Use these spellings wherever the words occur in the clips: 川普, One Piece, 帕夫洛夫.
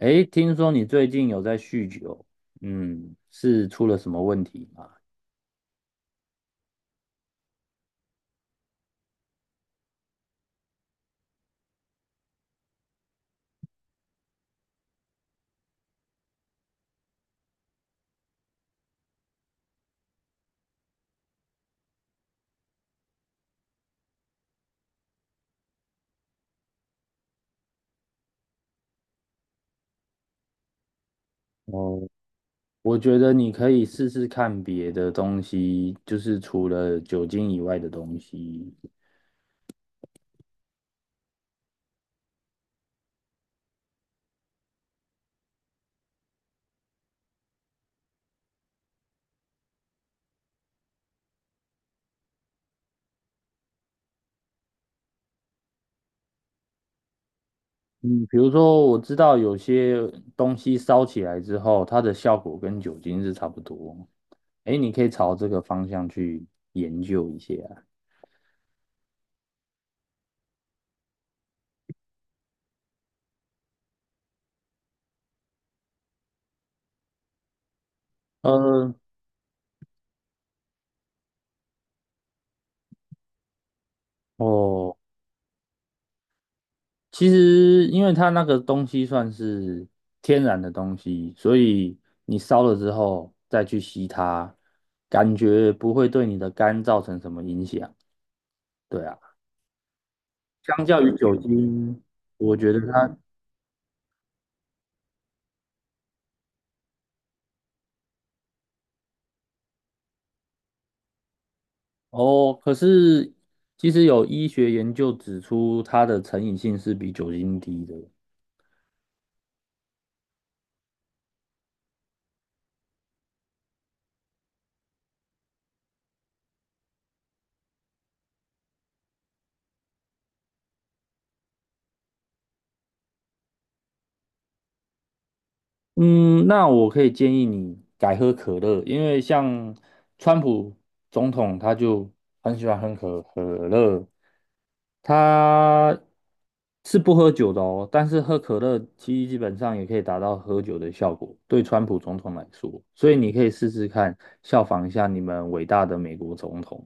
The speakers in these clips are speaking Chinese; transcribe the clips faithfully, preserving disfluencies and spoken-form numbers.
诶，听说你最近有在酗酒，嗯，是出了什么问题吗？哦，我觉得你可以试试看别的东西，就是除了酒精以外的东西。嗯，比如说我知道有些东西烧起来之后，它的效果跟酒精是差不多。诶，你可以朝这个方向去研究一下。呃，哦，其实，因为它那个东西算是天然的东西，所以你烧了之后再去吸它，感觉不会对你的肝造成什么影响。对啊，相较于酒精，我觉得它哦，可是其实有医学研究指出，它的成瘾性是比酒精低的。嗯，那我可以建议你改喝可乐，因为像川普总统他就很喜欢喝可可乐，他是不喝酒的哦，但是喝可乐基基本上也可以达到喝酒的效果，对川普总统来说，所以你可以试试看，效仿一下你们伟大的美国总统。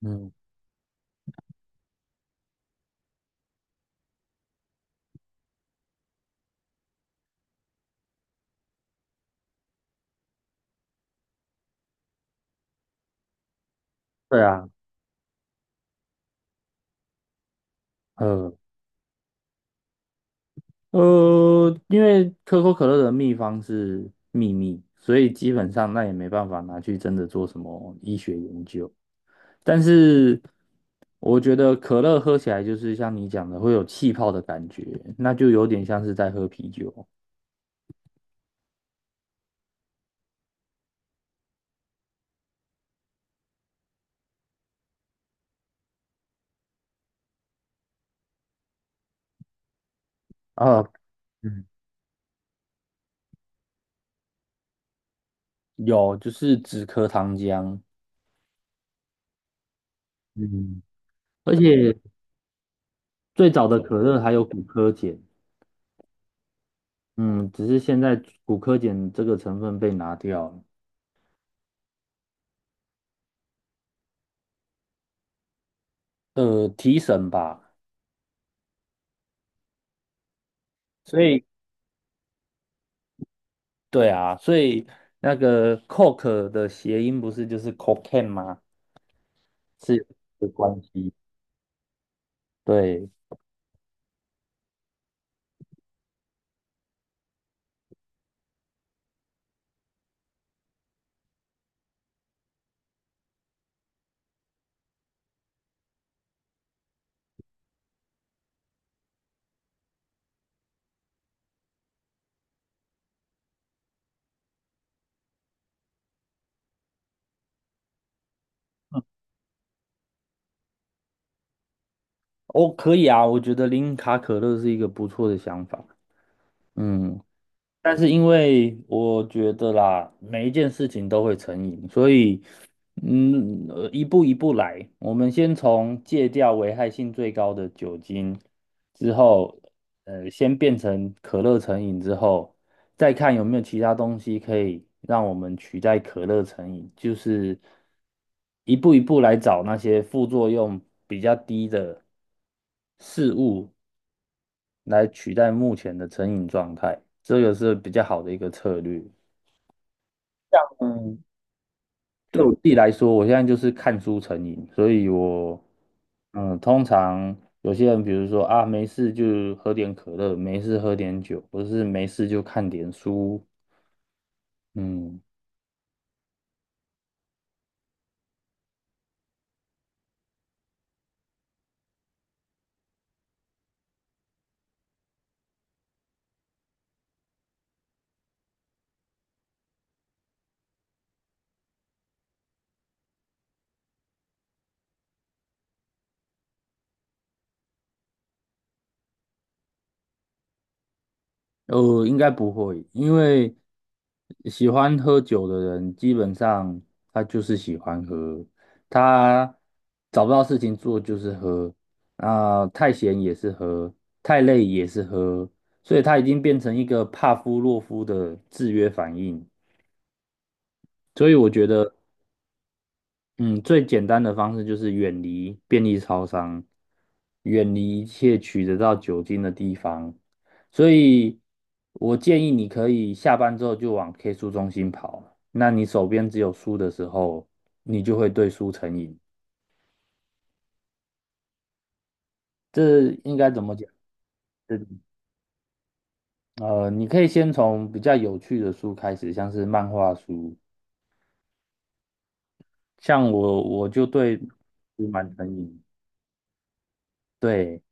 嗯，对啊，呃，呃，因为可口可乐的秘方是秘密，所以基本上那也没办法拿去真的做什么医学研究。但是我觉得可乐喝起来就是像你讲的会有气泡的感觉，那就有点像是在喝啤酒啊。嗯有，就是止咳糖浆，嗯，而且最早的可乐还有骨科碱，嗯，只是现在骨科碱这个成分被拿掉了。呃，提神吧。所以。对啊，所以那个 coke 的谐音不是就是 cocaine 吗？是有这个关系。对，哦，可以啊，我觉得零卡可乐是一个不错的想法。嗯。但是因为我觉得啦，每一件事情都会成瘾，所以，嗯，呃一步一步来。我们先从戒掉危害性最高的酒精，之后，呃，先变成可乐成瘾之后，再看有没有其他东西可以让我们取代可乐成瘾，就是一步一步来找那些副作用比较低的事物来取代目前的成瘾状态，这个是比较好的一个策略。嗯，对我自己来说，我现在就是看书成瘾，所以我，嗯，通常有些人，比如说啊，没事就喝点可乐，没事喝点酒，或者是没事就看点书，嗯，呃，应该不会，因为喜欢喝酒的人，基本上他就是喜欢喝，他找不到事情做就是喝，啊、太闲也是喝，太累也是喝，所以他已经变成一个帕夫洛夫的制约反应。所以我觉得嗯，最简单的方式就是远离便利超商，远离一切取得到酒精的地方。所以，我建议你可以下班之后就往 K 书中心跑。那你手边只有书的时候，你就会对书成瘾。这应该怎么讲？这呃，你可以先从比较有趣的书开始，像是漫画书。像我，我就对书蛮成瘾。对，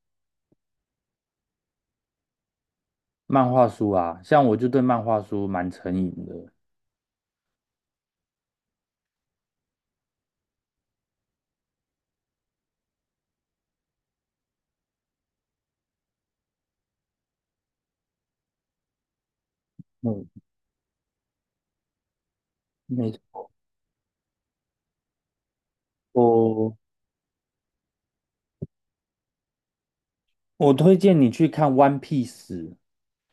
漫画书啊，像我就对漫画书蛮成瘾的。嗯没错，我我推荐你去看《One Piece》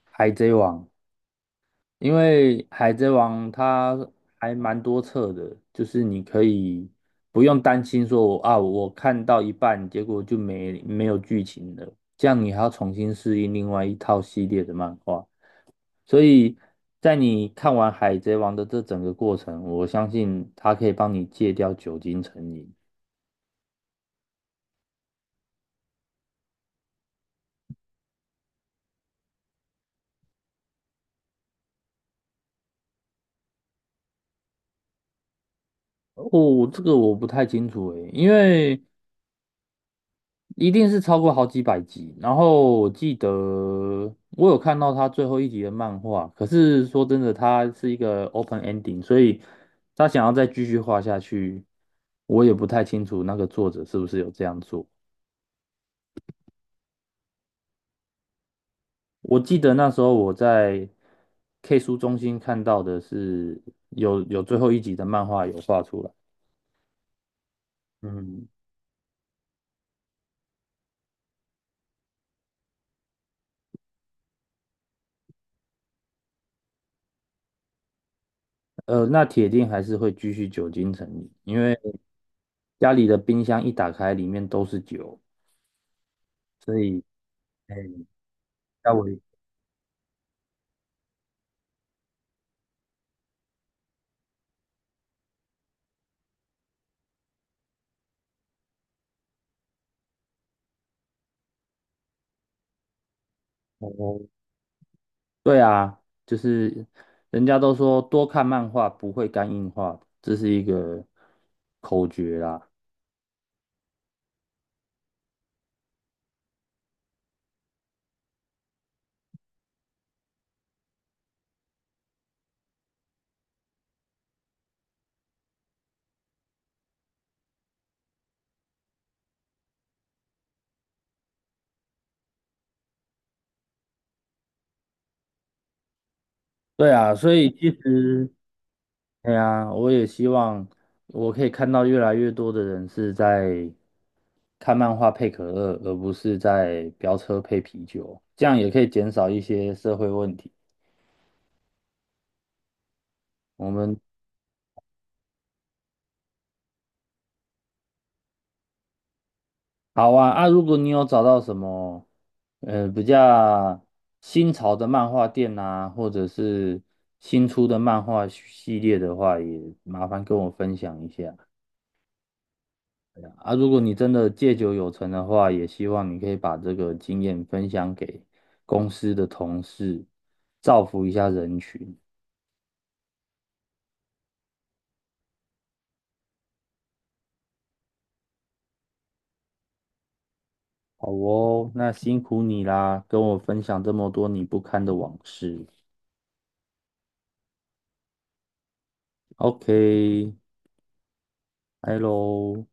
海贼王，因为海贼王它还蛮多册的，就是你可以不用担心说啊，我看到一半结果就没没有剧情了，这样你还要重新适应另外一套系列的漫画，所以在你看完海贼王的这整个过程，我相信它可以帮你戒掉酒精成瘾。哦，这个我不太清楚诶，因为一定是超过好几百集。然后我记得我有看到他最后一集的漫画，可是说真的，他是一个 open ending，所以他想要再继续画下去，我也不太清楚那个作者是不是有这样做。我记得那时候我在 K 书中心看到的是有有最后一集的漫画有画出来，嗯，呃，那铁定还是会继续久经成瘾，因为家里的冰箱一打开，里面都是酒。哎要我哦，对啊，就是人家都说多看漫画不会肝硬化，这是一个口诀啦。对啊，所以其实，哎呀，我也希望我可以看到越来越多的人是在看漫画配可乐，而不是在飙车配啤酒，这样也可以减少一些社会问题。我们好啊，啊，如果你有找到什么，呃，比较新潮的漫画店啊，或者是新出的漫画系列的话，也麻烦跟我分享一下。啊，如果你真的戒酒有成的话，也希望你可以把这个经验分享给公司的同事，造福一下人群。好哦，那辛苦你啦，跟我分享这么多你不堪的往事。OK，拜喽。